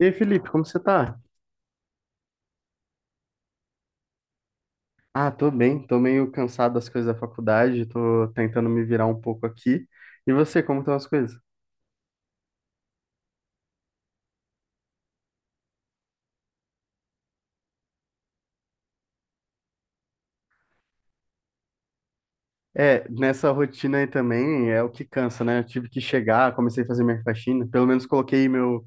E aí, Felipe, como você tá? Ah, tô bem, tô meio cansado das coisas da faculdade, tô tentando me virar um pouco aqui. E você, como estão as coisas? É, nessa rotina aí também é o que cansa, né? Eu tive que chegar, comecei a fazer minha faxina, pelo menos coloquei meu.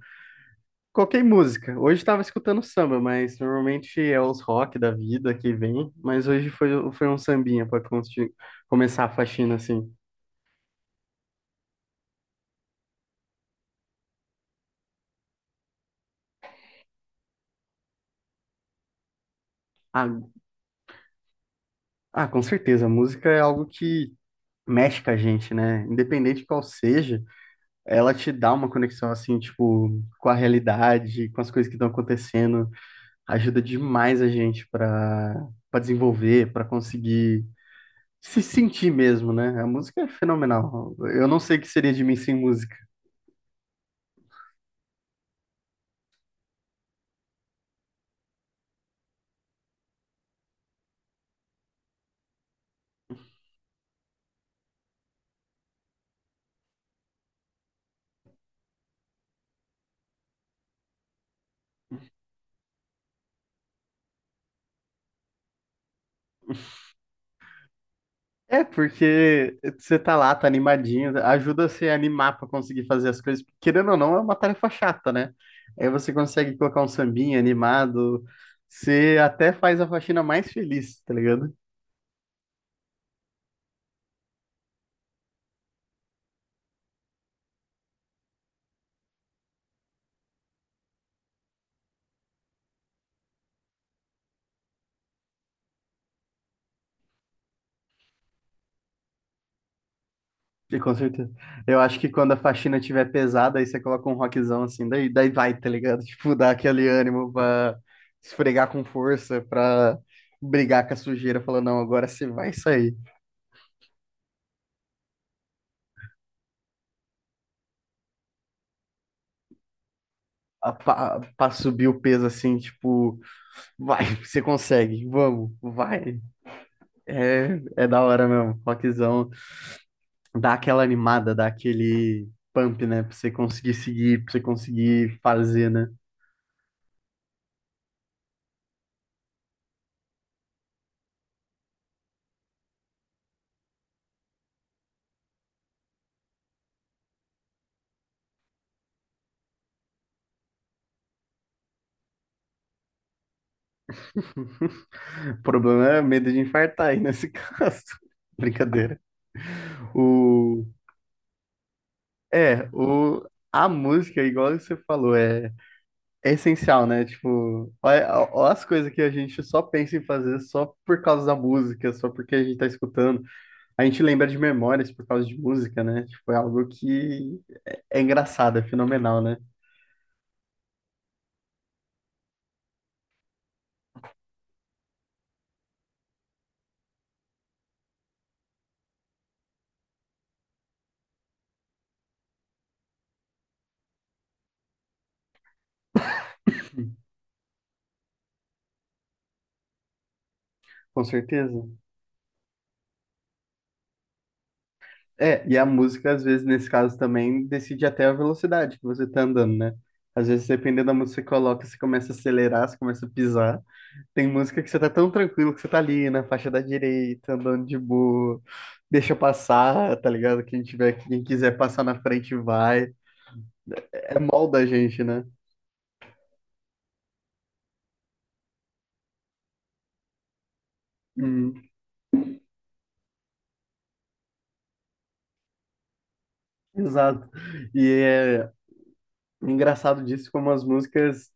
Coloquei música. Hoje tava escutando samba, mas normalmente é os rock da vida que vem, mas hoje foi um sambinha pra começar a faxina assim. Ah, ah, com certeza, a música é algo que mexe com a gente, né? Independente de qual seja. Ela te dá uma conexão assim, tipo, com a realidade, com as coisas que estão acontecendo, ajuda demais a gente para desenvolver, para conseguir se sentir mesmo, né? A música é fenomenal. Eu não sei o que seria de mim sem música. É porque você tá lá, tá animadinho, ajuda você a animar para conseguir fazer as coisas. Querendo ou não, é uma tarefa chata, né? Aí você consegue colocar um sambinha animado, você até faz a faxina mais feliz, tá ligado? E com certeza. Eu acho que quando a faxina tiver pesada, aí você coloca um rockzão assim, daí vai, tá ligado? Tipo, dá aquele ânimo pra esfregar com força, pra brigar com a sujeira, falar, não, agora você vai sair. Pra, subir o peso assim, tipo, vai, você consegue, vamos, vai. É, da hora mesmo, rockzão. Dá aquela animada, dá aquele pump, né? Pra você conseguir seguir, pra você conseguir fazer, né? O problema era medo de infartar aí nesse caso. Brincadeira. O... É, a música, igual você falou, é, essencial, né? Tipo, olha as coisas que a gente só pensa em fazer só por causa da música, só porque a gente tá escutando. A gente lembra de memórias por causa de música, né? Tipo, é algo que é engraçado, é fenomenal, né? Com certeza. É, e a música, às vezes, nesse caso também, decide até a velocidade que você tá andando, né? Às vezes, dependendo da música que você coloca, você começa a acelerar, você começa a pisar. Tem música que você tá tão tranquilo que você tá ali na faixa da direita, andando de boa, deixa passar, tá ligado? Quem tiver, quem quiser passar na frente vai. É molda a gente, né? Hum, exato. E é engraçado disso como as músicas,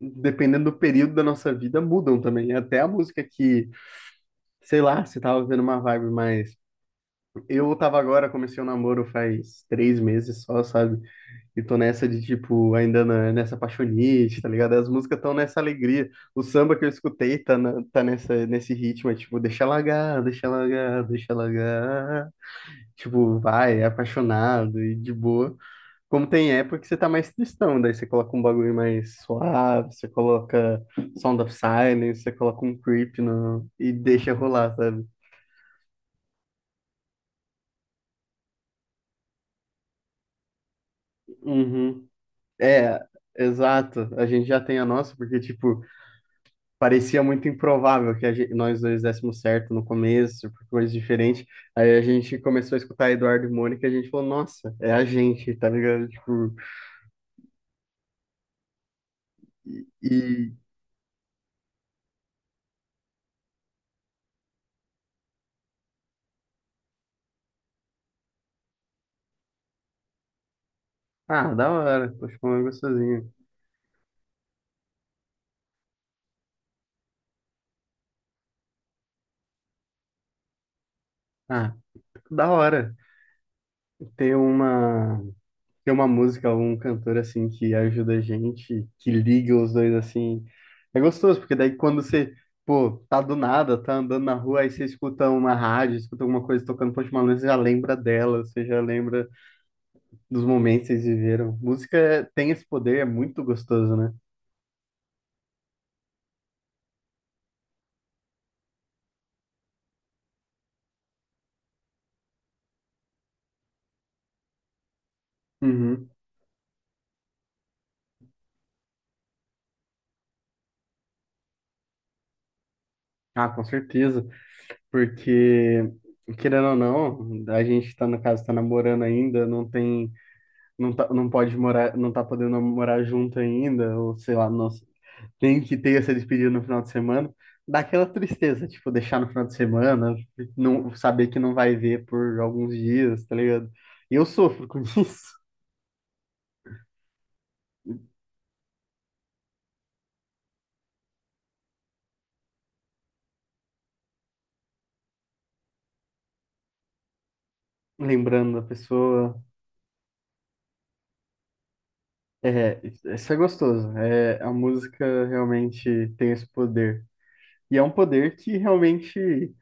dependendo do período da nossa vida, mudam também. Até a música que sei lá, você tava vivendo uma vibe mais. Eu tava agora, comecei o namoro faz 3 meses só, sabe? E tô nessa de, tipo, ainda nessa apaixonite, tá ligado? As músicas estão nessa alegria. O samba que eu escutei tá nessa, nesse ritmo, é tipo, deixa largar, deixa largar, deixa largar. Tipo, vai, é apaixonado e de boa. Como tem época que você tá mais tristão, daí você coloca um bagulho mais suave, você coloca Sound of Silence, você coloca um creep no... e deixa rolar, sabe? Uhum. É, exato. A gente já tem a nossa, porque, tipo, parecia muito improvável que nós dois dessemos certo no começo, por coisas diferentes. Aí a gente começou a escutar Eduardo e Mônica e a gente falou, nossa, é a gente, tá ligado? E... e- Ah, da hora. Tô ficando gostosinho. Ah, da hora. Ter uma... ter uma música, um cantor assim que ajuda a gente, que liga os dois assim. É gostoso, porque daí quando você, pô, tá do nada, tá andando na rua, aí você escuta uma rádio, escuta alguma coisa tocando Post Malone, você já lembra dela, você já lembra dos momentos que vocês viveram. Música tem esse poder, é muito gostoso, né? Uhum. Ah, com certeza, porque querendo ou não, a gente tá, no caso, tá namorando ainda, não tem, não tá, não pode morar, não tá podendo morar junto ainda, ou sei lá, não. Quem que tenha se despedido no final de semana, dá aquela tristeza, tipo, deixar no final de semana, não saber que não vai ver por alguns dias, tá ligado? E eu sofro com isso, lembrando da pessoa. É, isso é gostoso. É, a música realmente tem esse poder. E é um poder que realmente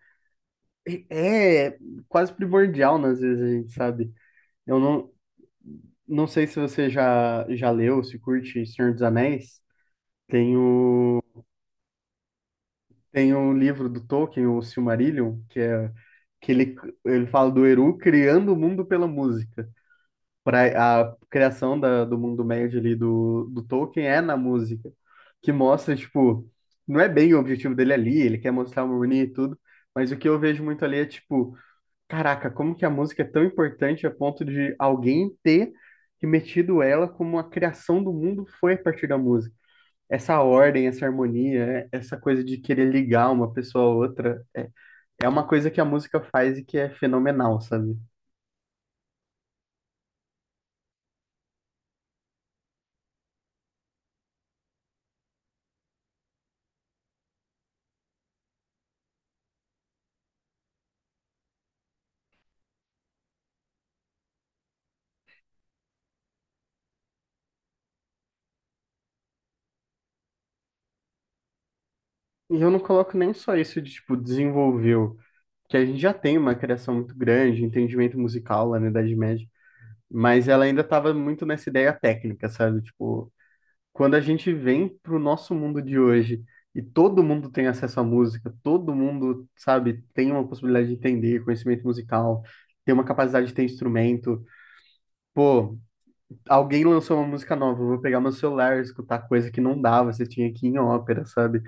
é quase primordial, né, às vezes, a gente sabe. Eu não, não sei se você já leu, se curte Senhor dos Anéis. Tem o, Tem um livro do Tolkien, o Silmarillion, que é que ele fala do Eru criando o mundo pela música. A criação do mundo médio ali do Tolkien é na música, que mostra, tipo, não é bem o objetivo dele ali, ele quer mostrar uma harmonia e tudo, mas o que eu vejo muito ali é, tipo, caraca, como que a música é tão importante a ponto de alguém ter metido ela como a criação do mundo foi a partir da música, essa ordem, essa harmonia, essa coisa de querer ligar uma pessoa a outra, é uma coisa que a música faz e que é fenomenal, sabe? E eu não coloco nem só isso de, tipo, desenvolveu, que a gente já tem uma criação muito grande, entendimento musical lá na Idade Média, mas ela ainda estava muito nessa ideia técnica, sabe? Tipo, quando a gente vem pro nosso mundo de hoje e todo mundo tem acesso à música, todo mundo, sabe, tem uma possibilidade de entender conhecimento musical, tem uma capacidade de ter instrumento, pô, alguém lançou uma música nova, eu vou pegar meu celular e escutar, coisa que não dava, você tinha que ir em ópera, sabe?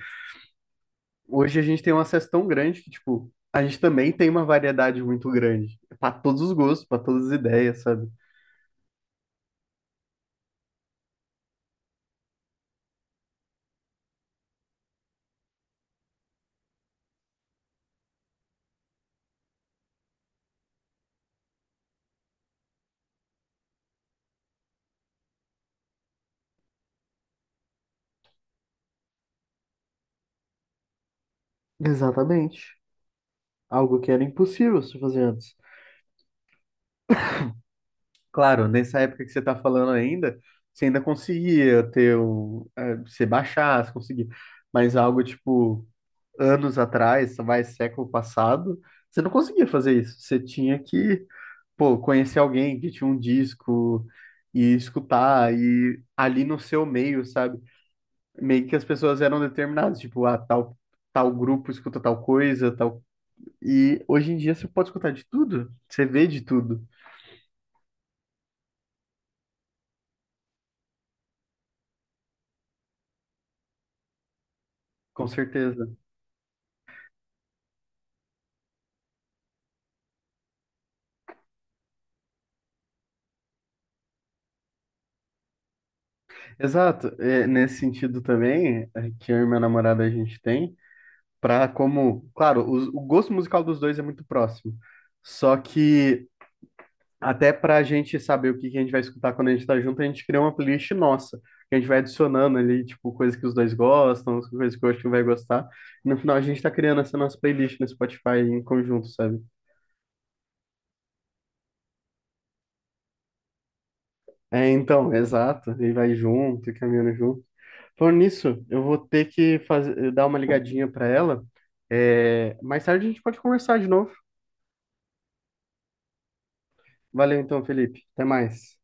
Hoje a gente tem um acesso tão grande que, tipo, a gente também tem uma variedade muito grande, para todos os gostos, para todas as ideias, sabe? Exatamente. Algo que era impossível se fazer antes. Claro, nessa época que você tá falando ainda, você ainda conseguia ter um, você baixar, você conseguia, mas algo tipo anos atrás, mais século passado, você não conseguia fazer isso. Você tinha que, pô, conhecer alguém que tinha um disco e escutar, e ali no seu meio, sabe? Meio que as pessoas eram determinadas, tipo, ah, tal grupo escuta tal coisa, tal. E hoje em dia você pode escutar de tudo, você vê de tudo, com certeza. Exato, é, nesse sentido também, é, que eu e minha namorada a gente tem, pra como, claro, o gosto musical dos dois é muito próximo. Só que até para a gente saber o que que a gente vai escutar quando a gente tá junto, a gente cria uma playlist nossa, que a gente vai adicionando ali, tipo, coisas que os dois gostam, coisas que o outro vai gostar. E no final a gente tá criando essa nossa playlist no Spotify em conjunto, sabe? É, então, exato. E vai junto, e caminhando junto. Falando nisso, eu vou ter que fazer, dar uma ligadinha para ela. É, mais tarde a gente pode conversar de novo. Valeu então, Felipe. Até mais.